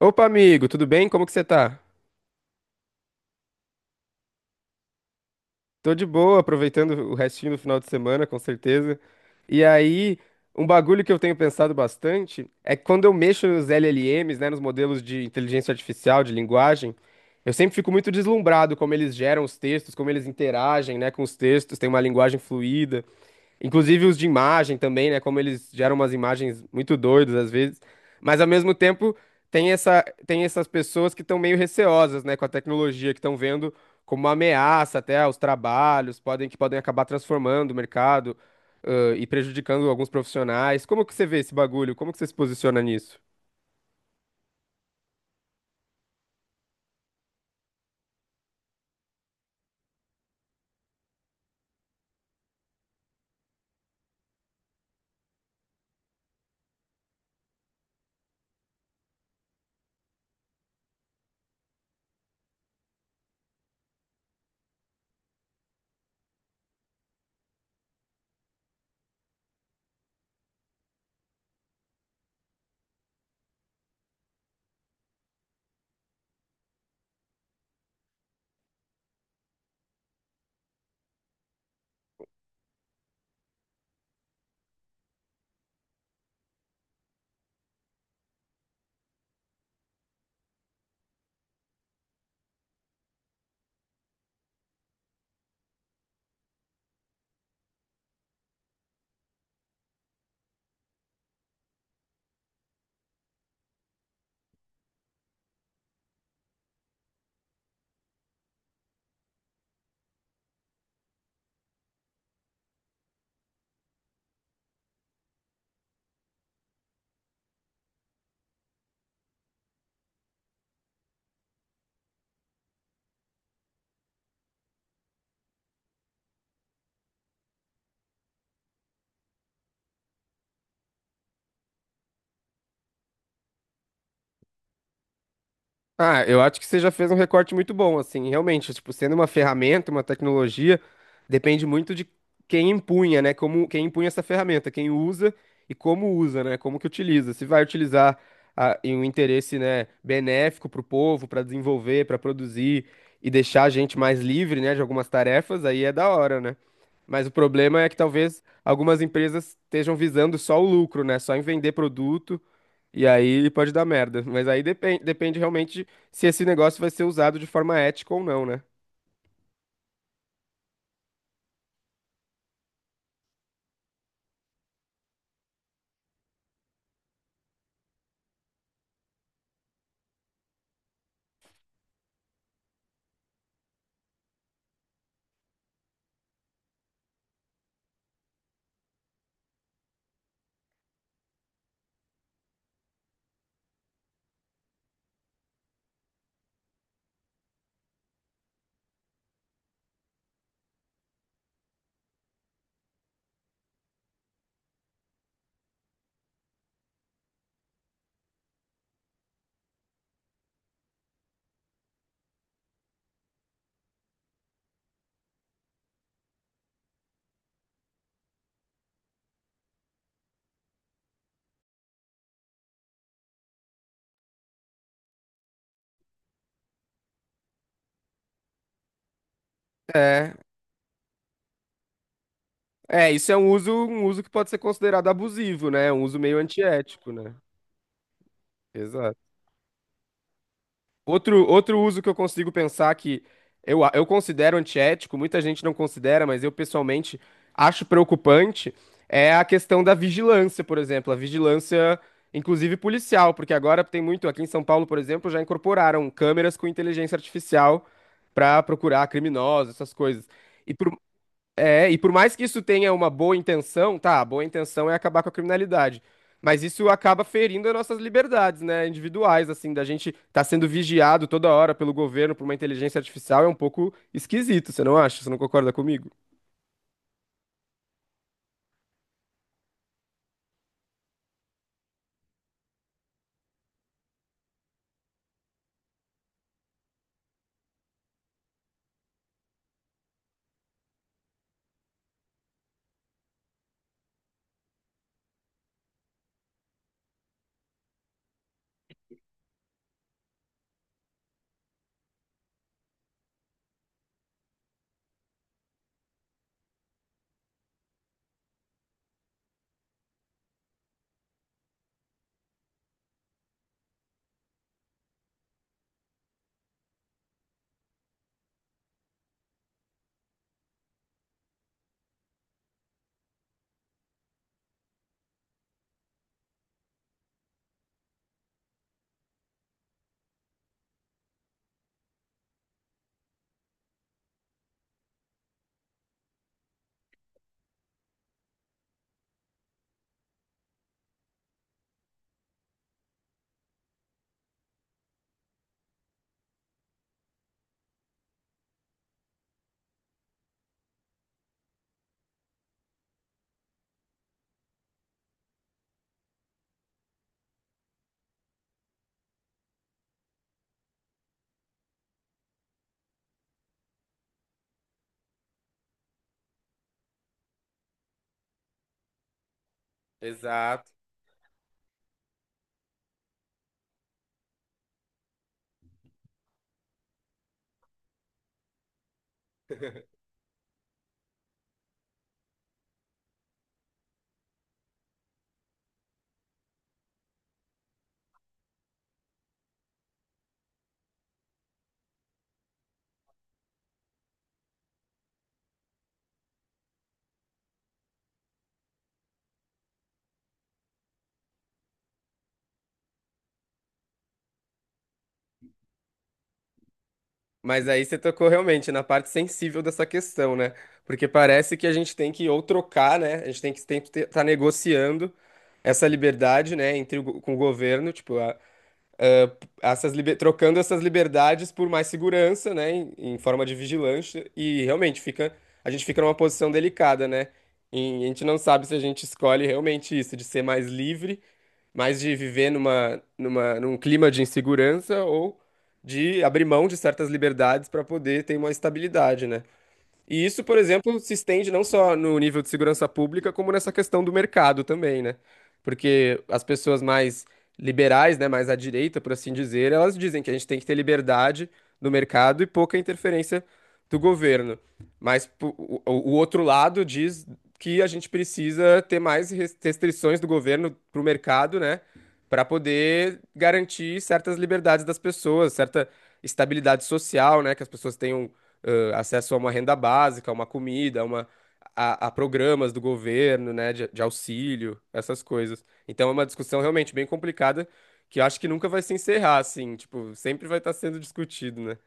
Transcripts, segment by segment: Opa, amigo, tudo bem? Como que você tá? Tô de boa, aproveitando o restinho do final de semana, com certeza. E aí, um bagulho que eu tenho pensado bastante é que quando eu mexo nos LLMs, né, nos modelos de inteligência artificial, de linguagem, eu sempre fico muito deslumbrado como eles geram os textos, como eles interagem, né, com os textos, tem uma linguagem fluida. Inclusive os de imagem também, né? Como eles geram umas imagens muito doidas às vezes. Mas ao mesmo tempo tem essas pessoas que estão meio receosas, né, com a tecnologia, que estão vendo como uma ameaça até aos trabalhos, podem acabar transformando o mercado, e prejudicando alguns profissionais. Como que você vê esse bagulho? Como que você se posiciona nisso? Ah, eu acho que você já fez um recorte muito bom, assim, realmente, tipo, sendo uma ferramenta, uma tecnologia, depende muito de quem empunha, né? Como quem empunha essa ferramenta, quem usa e como usa, né? Como que utiliza. Se vai utilizar ah, em um interesse, né, benéfico para o povo, para desenvolver, para produzir e deixar a gente mais livre, né, de algumas tarefas, aí é da hora, né? Mas o problema é que talvez algumas empresas estejam visando só o lucro, né? Só em vender produto e aí pode dar merda. Mas aí depende, depende realmente se esse negócio vai ser usado de forma ética ou não, né? É, é, isso é um uso que pode ser considerado abusivo, né? É um uso meio antiético, né? Exato. Outro uso que eu consigo pensar que eu considero antiético, muita gente não considera, mas eu pessoalmente acho preocupante, é a questão da vigilância, por exemplo, a vigilância, inclusive policial, porque agora tem muito, aqui em São Paulo, por exemplo, já incorporaram câmeras com inteligência artificial para procurar criminosos, essas coisas. E por, e por mais que isso tenha uma boa intenção, tá, a boa intenção é acabar com a criminalidade. Mas isso acaba ferindo as nossas liberdades, né, individuais, assim, da gente estar sendo vigiado toda hora pelo governo por uma inteligência artificial é um pouco esquisito, você não acha? Você não concorda comigo? Exato. Mas aí você tocou realmente na parte sensível dessa questão, né? Porque parece que a gente tem que ou trocar, né? A gente tem que estar negociando essa liberdade, né, entre com o governo, tipo, trocando essas liberdades por mais segurança, né, em, em forma de vigilância, e realmente fica, a gente fica numa posição delicada, né? E a gente não sabe se a gente escolhe realmente isso, de ser mais livre, mais de viver num clima de insegurança ou de abrir mão de certas liberdades para poder ter uma estabilidade, né? E isso, por exemplo, se estende não só no nível de segurança pública, como nessa questão do mercado também, né? Porque as pessoas mais liberais, né, mais à direita, por assim dizer, elas dizem que a gente tem que ter liberdade no mercado e pouca interferência do governo. Mas o outro lado diz que a gente precisa ter mais restrições do governo para o mercado, né, para poder garantir certas liberdades das pessoas, certa estabilidade social, né, que as pessoas tenham acesso a uma renda básica, a uma comida, a programas do governo, né, de auxílio, essas coisas. Então é uma discussão realmente bem complicada que eu acho que nunca vai se encerrar, assim, tipo, sempre vai estar sendo discutido, né?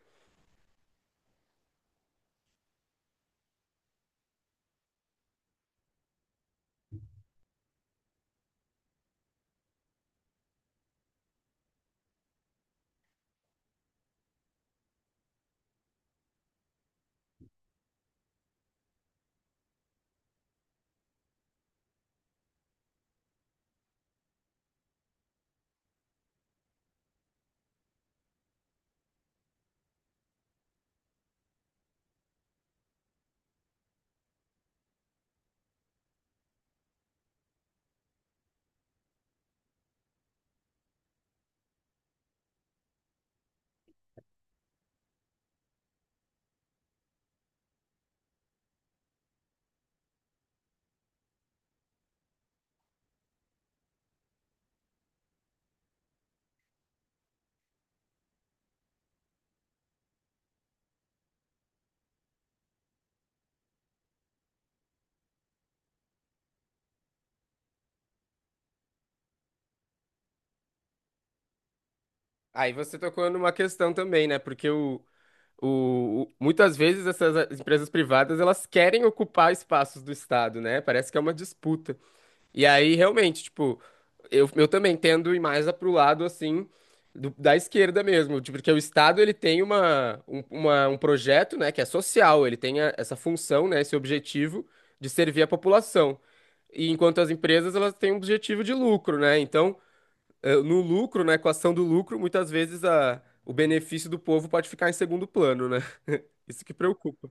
Aí você tocou numa questão também, né? Porque o- muitas vezes essas empresas privadas elas querem ocupar espaços do Estado, né? Parece que é uma disputa. E aí, realmente, tipo, eu também tendo ir mais pro lado, assim, do- da esquerda mesmo, tipo, porque o Estado, ele tem um projeto, né, que é social, ele tem essa função, né, esse objetivo de servir a população. E enquanto as empresas, elas têm um objetivo de lucro, né, então, eh, no lucro, na equação do lucro, muitas vezes o benefício do povo pode ficar em segundo plano, né, isso que preocupa.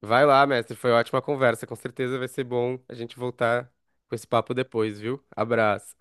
Vai lá, mestre. Foi ótima conversa. Com certeza vai ser bom a gente voltar com esse papo depois, viu? Abraço.